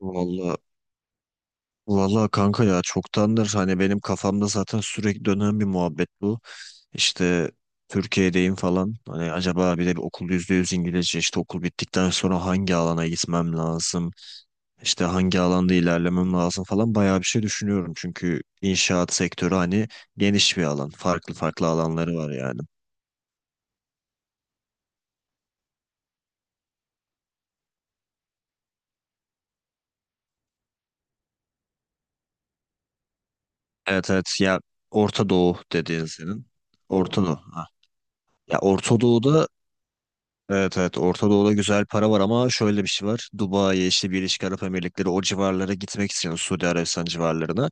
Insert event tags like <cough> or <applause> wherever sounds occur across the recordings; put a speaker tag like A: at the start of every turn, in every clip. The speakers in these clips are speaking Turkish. A: Valla valla kanka ya çoktandır hani benim kafamda zaten sürekli dönen bir muhabbet bu. İşte Türkiye'deyim falan. Hani acaba bir de bir okul %100 İngilizce işte okul bittikten sonra hangi alana gitmem lazım? İşte hangi alanda ilerlemem lazım falan bayağı bir şey düşünüyorum. Çünkü inşaat sektörü hani geniş bir alan. Farklı farklı alanları var yani. Evet evet, ya Orta Doğu dediğin senin. Orta Doğu. Ha. Ya Orta Doğu'da Evet evet, Orta Doğu'da güzel para var ama şöyle bir şey var. Dubai'ye işte Birleşik Arap Emirlikleri o civarlara gitmek istiyorsun, Suudi Arabistan civarlarına.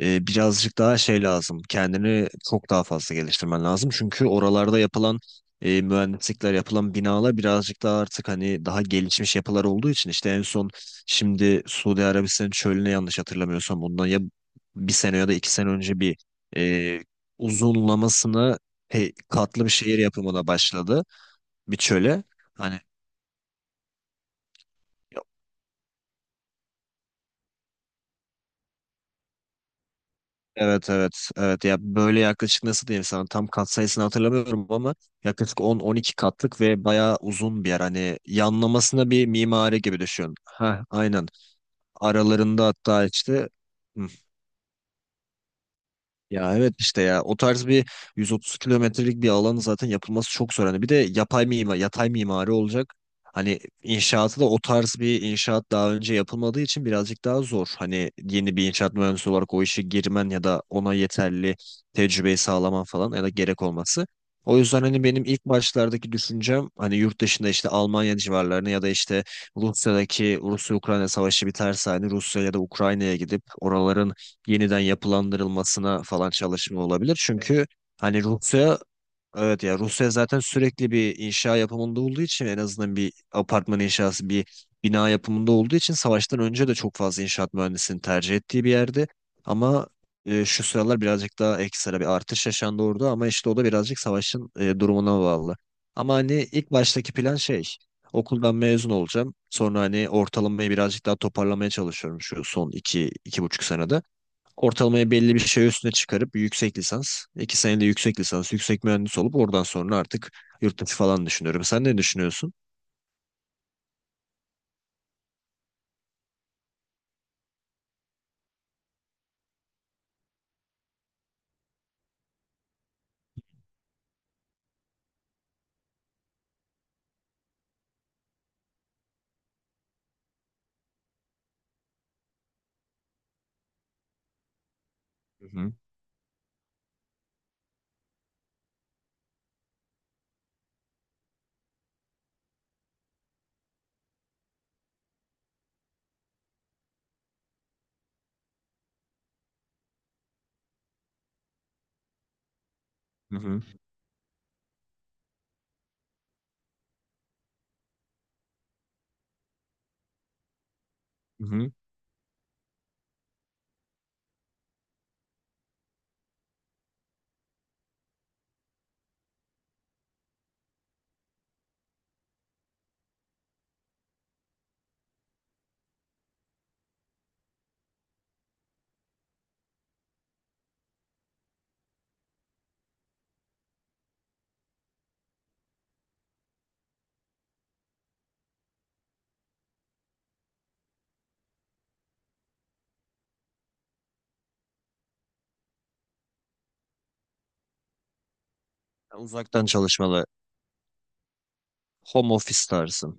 A: Birazcık daha şey lazım. Kendini çok daha fazla geliştirmen lazım. Çünkü oralarda yapılan mühendislikler, yapılan binalar birazcık daha artık hani daha gelişmiş yapılar olduğu için işte en son şimdi Suudi Arabistan'ın çölüne, yanlış hatırlamıyorsam bundan ya bir sene ya da 2 sene önce bir e, uzunlamasına katlı bir şehir yapımına başladı bir çöle. Hani evet evet evet, ya böyle yaklaşık, nasıl diyeyim sana, tam kat sayısını hatırlamıyorum ama yaklaşık 10, 12 katlık ve bayağı uzun bir yer. Hani yanlamasına bir mimari gibi düşün. Ha aynen. Aralarında hatta işte hmm, ya evet işte ya o tarz bir 130 kilometrelik bir alanı zaten yapılması çok zor. Hani bir de yapay mimar, yatay mimari olacak. Hani inşaatı da o tarz bir inşaat daha önce yapılmadığı için birazcık daha zor. Hani yeni bir inşaat mühendisi olarak o işe girmen ya da ona yeterli tecrübeyi sağlaman falan ya da gerek olması. O yüzden hani benim ilk başlardaki düşüncem hani yurt dışında işte Almanya civarlarını ya da işte Rusya'daki Rusya-Ukrayna savaşı biterse hani Rusya ya da Ukrayna'ya gidip oraların yeniden yapılandırılmasına falan çalışma olabilir. Çünkü hani Rusya, evet, ya Rusya zaten sürekli bir inşa yapımında olduğu için, en azından bir apartman inşası, bir bina yapımında olduğu için savaştan önce de çok fazla inşaat mühendisinin tercih ettiği bir yerdi. Ama şu sıralar birazcık daha ekstra bir artış yaşandı orada ama işte o da birazcık savaşın durumuna bağlı. Ama hani ilk baştaki plan şey, okuldan mezun olacağım. Sonra hani ortalamayı birazcık daha toparlamaya çalışıyorum şu son 2, 2,5 senede. Ortalamaya belli bir şey üstüne çıkarıp yüksek lisans, 2 senede yüksek lisans, yüksek mühendis olup oradan sonra artık yurt dışı falan düşünüyorum. Sen ne düşünüyorsun? Hı hı, hı hı, hı hı. Uzaktan çalışmalı, home office tarzı.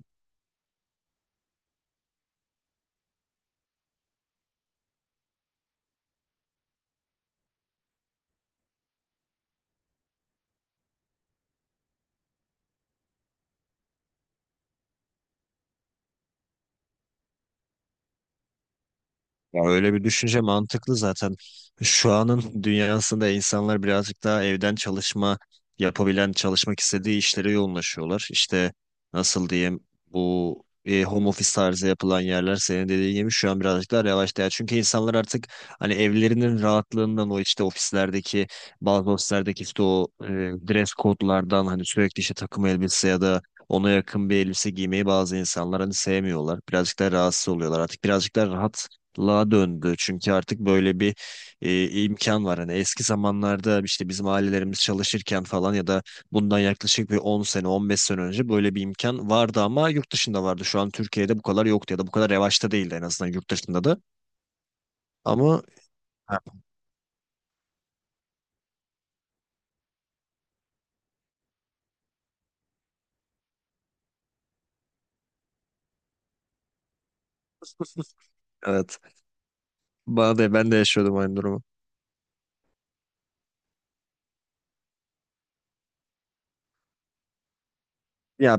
A: Ya öyle bir düşünce mantıklı zaten. Şu anın dünyasında insanlar birazcık daha evden çalışma yapabilen, çalışmak istediği işlere yoğunlaşıyorlar. İşte nasıl diyeyim, bu home office tarzı yapılan yerler senin dediğin gibi şu an birazcık daha revaçta. Ya çünkü insanlar artık hani evlerinin rahatlığından, o işte ofislerdeki, bazı ofislerdeki işte o dress kodlardan, hani sürekli işte takım elbise ya da ona yakın bir elbise giymeyi bazı insanlar hani sevmiyorlar. Birazcık daha rahatsız oluyorlar. Artık birazcık daha rahat la döndü çünkü artık böyle bir imkan var. Hani eski zamanlarda işte bizim ailelerimiz çalışırken falan ya da bundan yaklaşık bir 10 sene 15 sene önce böyle bir imkan vardı ama yurt dışında vardı. Şu an Türkiye'de bu kadar yok ya da bu kadar yavaşta değildi en azından yurt dışında da. Ama <laughs> evet, bana da, ben de yaşıyordum aynı durumu. Ya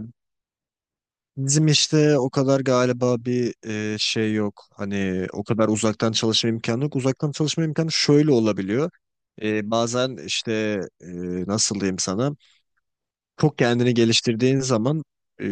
A: bizim işte o kadar galiba bir şey yok. Hani o kadar uzaktan çalışma imkanı yok. Uzaktan çalışma imkanı şöyle olabiliyor. Bazen işte nasıl diyeyim sana, çok kendini geliştirdiğin zaman e,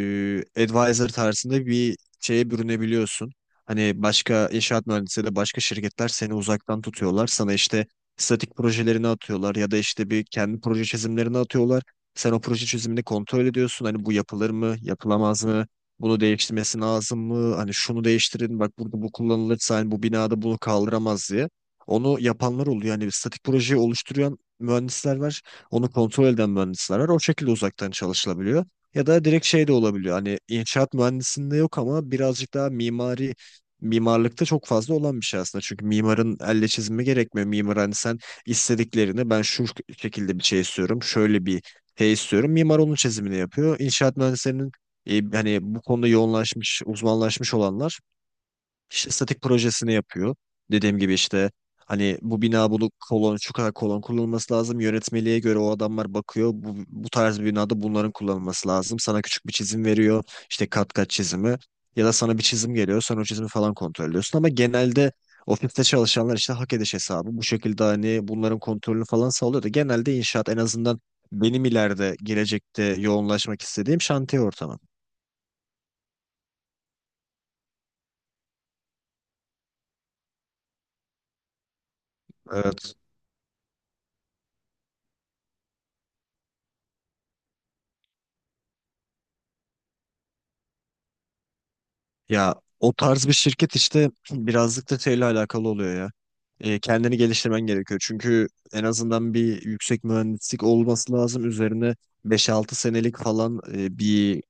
A: advisor tarzında bir şeye bürünebiliyorsun. Hani başka inşaat mühendisleri de, başka şirketler seni uzaktan tutuyorlar. Sana işte statik projelerini atıyorlar ya da işte bir kendi proje çizimlerini atıyorlar. Sen o proje çizimini kontrol ediyorsun. Hani bu yapılır mı, yapılamaz mı? Bunu değiştirmesi lazım mı? Hani şunu değiştirin, bak burada bu kullanılırsa hani bu binada bunu kaldıramaz diye. Onu yapanlar oluyor. Yani statik projeyi oluşturan mühendisler var. Onu kontrol eden mühendisler var. O şekilde uzaktan çalışılabiliyor. Ya da direkt şey de olabiliyor. Hani inşaat mühendisliğinde yok ama birazcık daha mimari, mimarlıkta çok fazla olan bir şey aslında. Çünkü mimarın elle çizimi gerekmiyor. Mimar hani sen istediklerini, ben şu şekilde bir şey istiyorum, şöyle bir şey istiyorum, mimar onun çizimini yapıyor. İnşaat mühendislerinin hani bu konuda yoğunlaşmış, uzmanlaşmış olanlar işte statik projesini yapıyor. Dediğim gibi işte hani bu bina bunu kolon, şu kadar kolon kullanılması lazım. Yönetmeliğe göre o adamlar bakıyor. Bu, bu tarz bir binada bunların kullanılması lazım. Sana küçük bir çizim veriyor, işte kat kat çizimi. Ya da sana bir çizim geliyor. Sen o çizimi falan kontrol ediyorsun. Ama genelde ofiste çalışanlar işte hak ediş hesabı, bu şekilde hani bunların kontrolünü falan sağlıyor da genelde inşaat, en azından benim ileride gelecekte yoğunlaşmak istediğim şantiye ortamı. Evet. Ya o tarz bir şirket işte <clears throat> birazcık da şeyle alakalı oluyor ya. Kendini geliştirmen gerekiyor. Çünkü en azından bir yüksek mühendislik olması lazım. Üzerine 5-6 senelik falan bir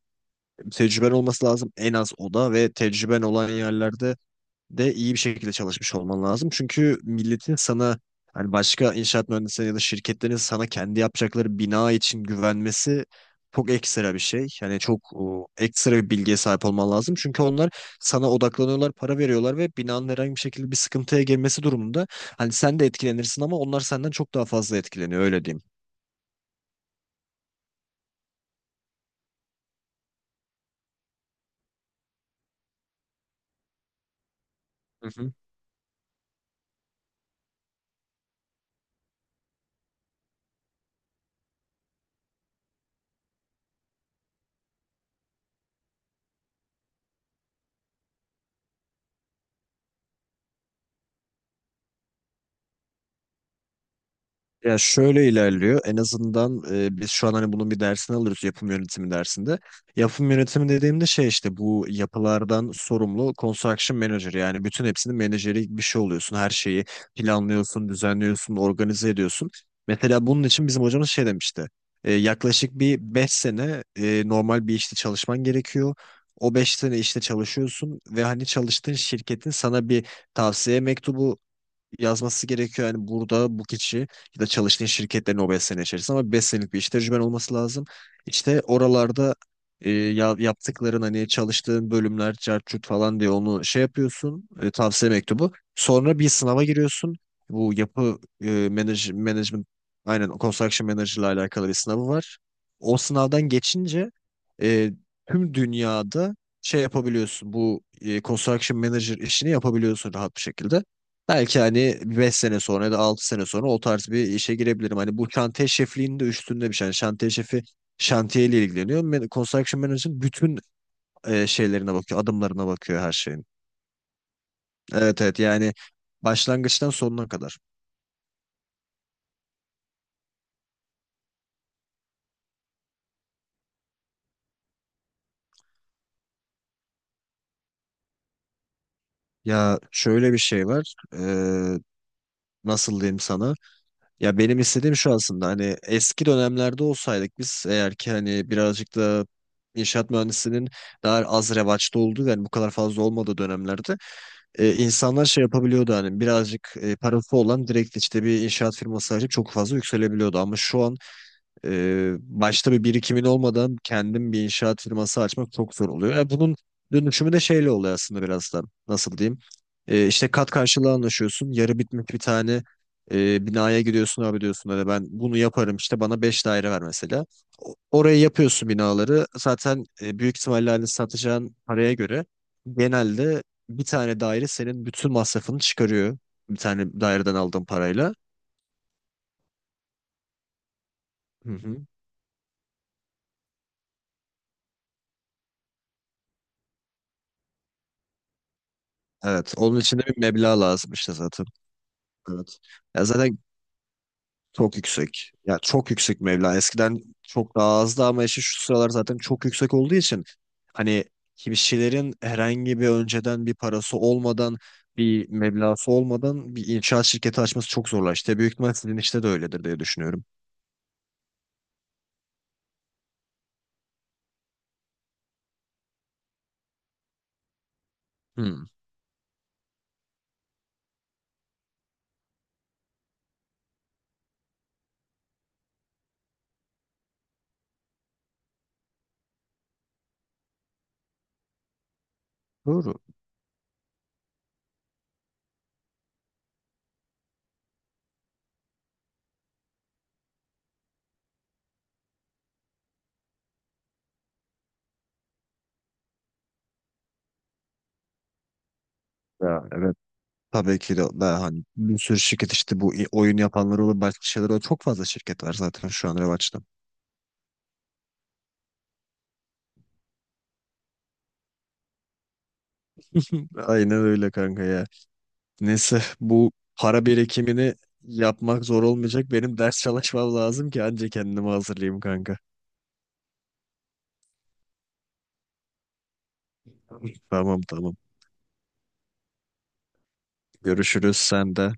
A: tecrüben olması lazım. En az o da, ve tecrüben olan yerlerde de iyi bir şekilde çalışmış olman lazım. Çünkü milletin sana, hani başka inşaat mühendisleri ya da şirketlerin sana kendi yapacakları bina için güvenmesi çok ekstra bir şey. Yani çok ekstra bir bilgiye sahip olman lazım. Çünkü onlar sana odaklanıyorlar, para veriyorlar ve binanın herhangi bir şekilde bir sıkıntıya girmesi durumunda hani sen de etkilenirsin ama onlar senden çok daha fazla etkileniyor, öyle diyeyim. Ya şöyle ilerliyor. En azından biz şu an hani bunun bir dersini alırız yapım yönetimi dersinde. Yapım yönetimi dediğimde şey, işte bu yapılardan sorumlu construction manager, yani bütün hepsinin menajeri bir şey oluyorsun. Her şeyi planlıyorsun, düzenliyorsun, organize ediyorsun. Mesela bunun için bizim hocamız şey demişti. Yaklaşık bir 5 sene normal bir işte çalışman gerekiyor. O 5 sene işte çalışıyorsun ve hani çalıştığın şirketin sana bir tavsiye mektubu yazması gerekiyor. Yani burada bu kişi ya da çalıştığın şirketlerin o 5 sene içerisinde, ama 5 senelik bir iş tecrüben olması lazım. İşte oralarda yaptıkların, hani çalıştığın bölümler cart curt falan diye onu şey yapıyorsun, tavsiye mektubu. Sonra bir sınava giriyorsun. Bu yapı management, aynen construction manager ile alakalı bir sınavı var. O sınavdan geçince e, tüm dünyada şey yapabiliyorsun. Bu construction manager işini yapabiliyorsun rahat bir şekilde. Belki hani 5 sene sonra ya da 6 sene sonra o tarz bir işe girebilirim. Hani bu şantiye şefliğinin de üstünde bir şey. Yani şantiye şefi şantiyeyle ilgileniyor. Construction Manager'ın bütün şeylerine bakıyor, adımlarına bakıyor her şeyin. Evet evet, yani başlangıçtan sonuna kadar. Ya şöyle bir şey var. Nasıl diyeyim sana? Ya benim istediğim şu aslında, hani eski dönemlerde olsaydık biz, eğer ki hani birazcık da inşaat mühendisinin daha az revaçta olduğu, yani bu kadar fazla olmadığı dönemlerde insanlar şey yapabiliyordu, hani birazcık parası olan direkt işte bir inşaat firması açıp çok fazla yükselebiliyordu. Ama şu an başta bir birikimin olmadan kendim bir inşaat firması açmak çok zor oluyor. Bunun dönüşümü de şeyle oluyor aslında biraz da. Nasıl diyeyim? İşte kat karşılığı anlaşıyorsun. Yarı bitmiş bir tane binaya gidiyorsun, abi diyorsun hani ben bunu yaparım, işte bana 5 daire ver mesela. Orayı yapıyorsun, binaları. Zaten büyük ihtimalle hani satacağın paraya göre genelde bir tane daire senin bütün masrafını çıkarıyor. Bir tane daireden aldığın parayla. Hı hı. Evet. Onun için de bir meblağ lazım işte zaten. Evet. Ya zaten çok yüksek. Ya çok yüksek meblağ. Eskiden çok daha azdı ama işte şu sıralar zaten çok yüksek olduğu için hani kişilerin herhangi bir önceden bir parası olmadan, bir meblası olmadan bir inşaat şirketi açması çok zorlaştı. İşte büyük ihtimal sizin işte de öyledir diye düşünüyorum. Hmm. Doğru. Ya evet, tabii ki de daha hani bir sürü şirket işte, bu oyun yapanlar olur, başka şeyler olur. Çok fazla şirket var zaten şu an revaçta. <laughs> Aynen öyle kanka ya. Neyse, bu para birikimini yapmak zor olmayacak. Benim ders çalışmam lazım ki anca kendimi hazırlayayım kanka. Tamam tamam. Görüşürüz sen de.